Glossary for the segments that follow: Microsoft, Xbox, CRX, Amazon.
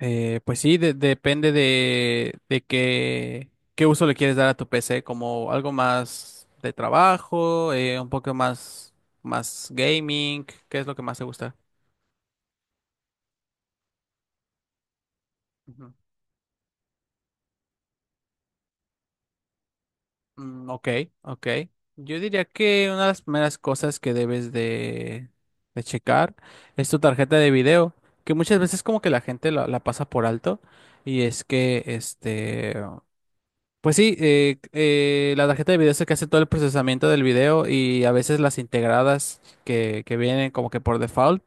Pues sí, depende de qué, qué uso le quieres dar a tu PC, como algo más de trabajo, un poco más, más gaming. ¿Qué es lo que más te gusta? Ujú. Ok, ok. Yo diría que una de las primeras cosas que debes de checar es tu tarjeta de video, que muchas veces como que la gente la pasa por alto y es que este... Pues sí, la tarjeta de video es la que hace todo el procesamiento del video, y a veces las integradas que vienen como que por default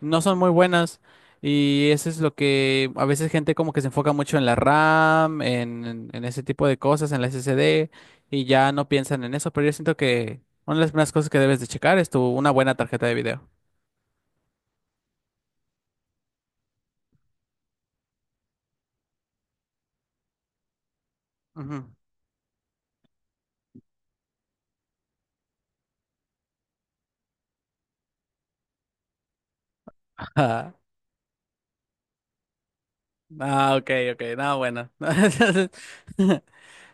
no son muy buenas, y eso es lo que a veces gente como que se enfoca mucho en la RAM, en ese tipo de cosas, en la SSD, y ya no piensan en eso, pero yo siento que una de las primeras cosas que debes de checar es tu, una buena tarjeta de video. Ujú. Ah, ah, ok, ok, no, bueno.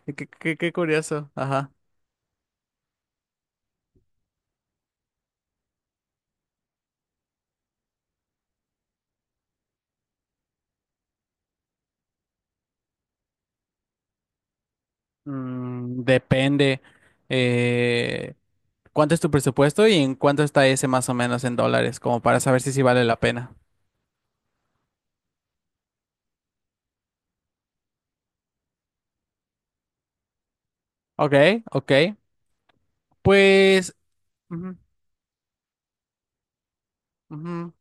Qué, qué curioso, ajá. Mm, depende eh, cuánto es tu presupuesto y en cuánto está ese más o menos en dólares, como para saber si sí vale la pena. Ok, ok. Pues... ujú, ujú.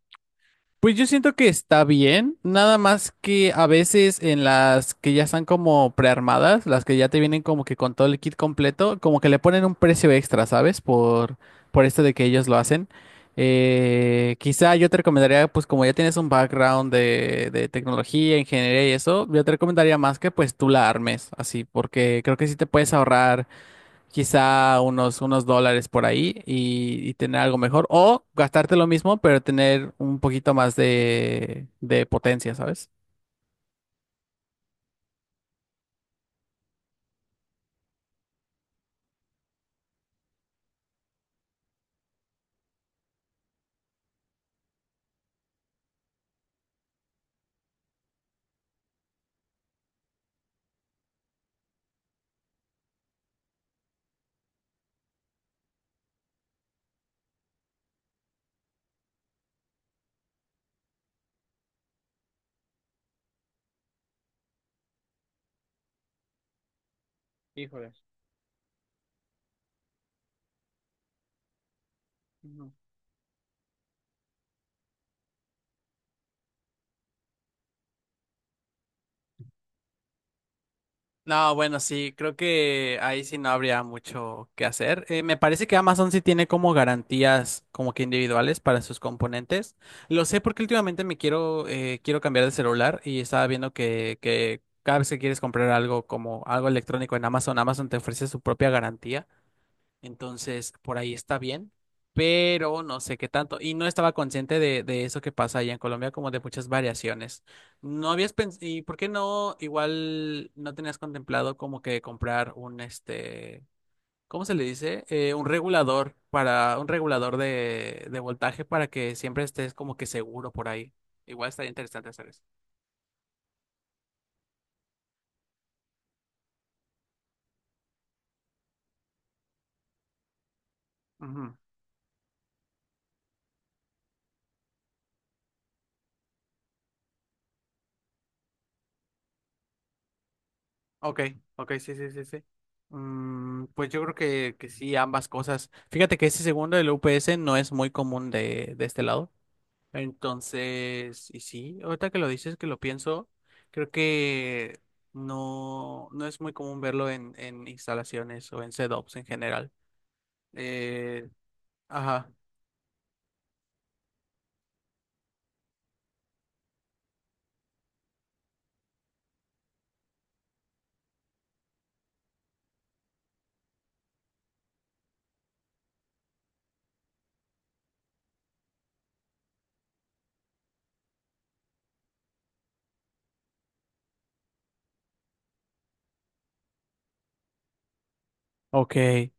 Pues yo siento que está bien, nada más que a veces en las que ya están como prearmadas, las que ya te vienen como que con todo el kit completo, como que le ponen un precio extra, ¿sabes? Por esto de que ellos lo hacen. Quizá yo te recomendaría, pues como ya tienes un background de tecnología, ingeniería y eso, yo te recomendaría más que pues tú la armes, así, porque creo que sí te puedes ahorrar quizá unos dólares por ahí y tener algo mejor. O gastarte lo mismo, pero tener un poquito más de potencia, ¿sabes? Híjoles. Ujú. No, bueno, sí, creo que ahí sí no habría mucho que hacer. Me parece que Amazon sí tiene como garantías como que individuales para sus componentes. Lo sé porque últimamente me quiero, quiero cambiar de celular y estaba viendo que cada vez que quieres comprar algo como algo electrónico en Amazon, Amazon te ofrece su propia garantía. Entonces, por ahí está bien, pero no sé qué tanto. Y no estaba consciente de eso que pasa allá en Colombia, como de muchas variaciones. No habías pensado, ¿y por qué no? Igual no tenías contemplado como que comprar un este, ¿cómo se le dice? Un regulador para, un regulador de voltaje para que siempre estés como que seguro por ahí. Igual estaría interesante hacer eso. Ok, ok, sí, sí, sí, sí. Mm, pues yo creo que sí, ambas cosas. Fíjate que ese segundo del UPS no es muy común de este lado. Entonces, y sí, ahorita que lo dices, que lo pienso, creo que no, no es muy común verlo en instalaciones o en setups en general. Eh, ajá. Ok,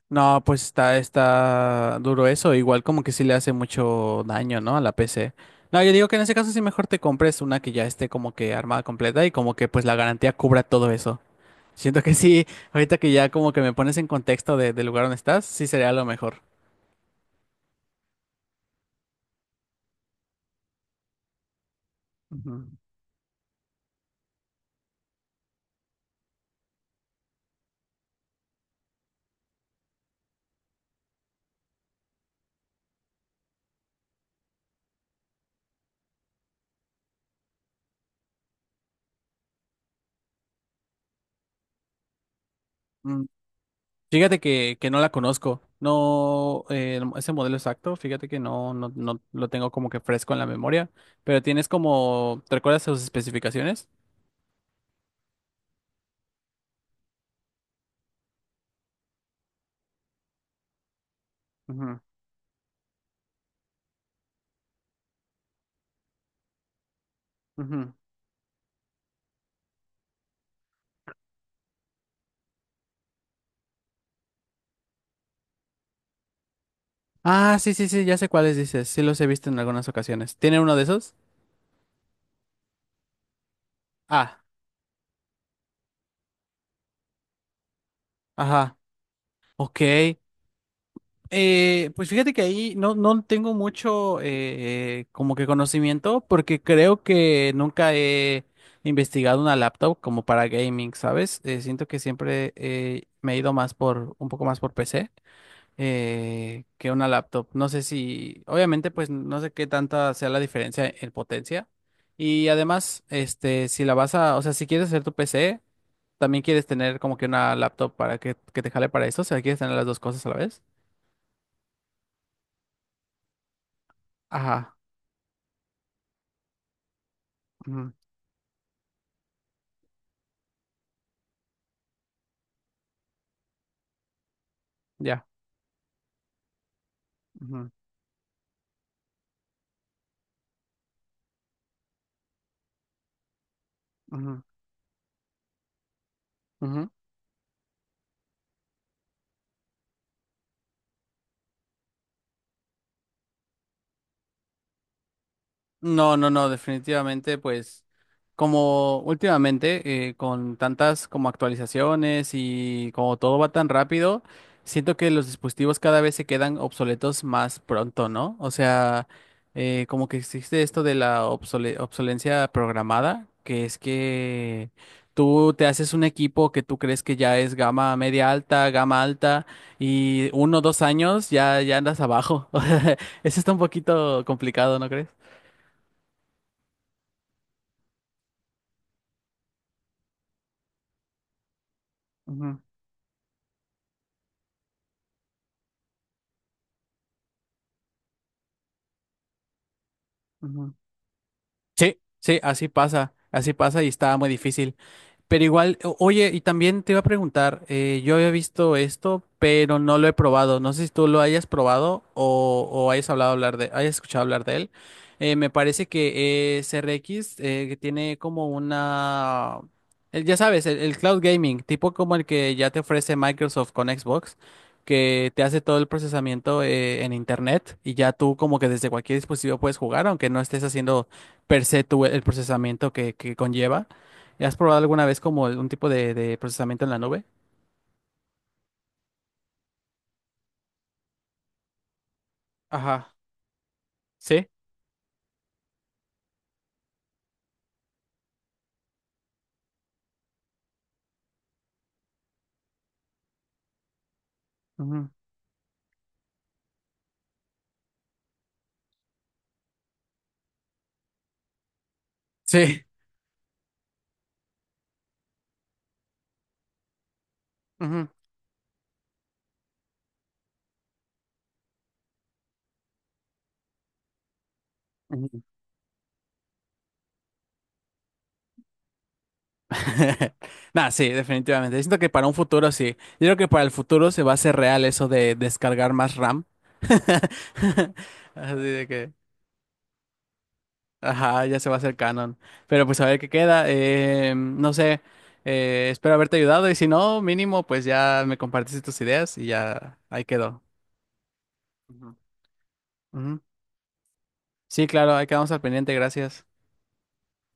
no, pues está, está duro eso, igual como que sí le hace mucho daño, ¿no? A la PC. No, yo digo que en ese caso sí mejor te compres una que ya esté como que armada completa y como que pues la garantía cubra todo eso. Siento que sí, ahorita que ya como que me pones en contexto del lugar donde estás, sí sería lo mejor. Ujú. Mm, Fíjate que no la conozco, no, ese modelo exacto, fíjate que no, no, no lo tengo como que fresco en la memoria, pero tienes como, ¿te recuerdas sus especificaciones? Ujú, ujú. Ah, sí, sí, sí, ya sé cuáles dices. Sí los he visto en algunas ocasiones. ¿Tiene uno de esos? Ah, ajá. Ok. Pues fíjate que ahí no, no tengo mucho como que conocimiento porque creo que nunca he investigado una laptop como para gaming, ¿sabes? Siento que siempre me he ido más por un poco más por PC. Que una laptop. No sé si, obviamente, pues no sé qué tanta sea la diferencia en potencia. Y además, este, si la vas a, o sea, si quieres hacer tu PC, también quieres tener como que una laptop para que te jale para eso. O sea, quieres tener las dos cosas a la vez. Ajá. Ujú. Ya. ujú, ujú, ujú. No, no, no, definitivamente, pues como últimamente, con tantas como actualizaciones y como todo va tan rápido, siento que los dispositivos cada vez se quedan obsoletos más pronto, ¿no? O sea, como que existe esto de la obsolencia programada, que es que tú te haces un equipo que tú crees que ya es gama media alta, gama alta, y uno o dos años ya andas abajo. Eso está un poquito complicado, ¿no crees? Ujú. Sí, sí, así pasa y está muy difícil. Pero igual, oye, y también te iba a preguntar, yo había visto esto, pero no lo he probado. No sé si tú lo hayas probado o hayas hayas escuchado hablar de él. Me parece que CRX que tiene como una, ya sabes, el cloud gaming, tipo como el que ya te ofrece Microsoft con Xbox, que te hace todo el procesamiento en internet y ya tú como que desde cualquier dispositivo puedes jugar, aunque no estés haciendo per se tú el procesamiento que conlleva. ¿Has probado alguna vez como un tipo de procesamiento en la nube? Ajá. Sí. Ujú. Sí. Ujú, ujú. Nah, sí, definitivamente. Siento que para un futuro sí. Yo creo que para el futuro se va a hacer real eso de descargar más RAM. Así de que, ajá, ya se va a hacer canon. Pero pues a ver qué queda. No sé, espero haberte ayudado y si no, mínimo, pues ya me compartiste tus ideas y ya ahí quedó. Ujú. Ujú. Sí, claro, ahí quedamos al pendiente, gracias.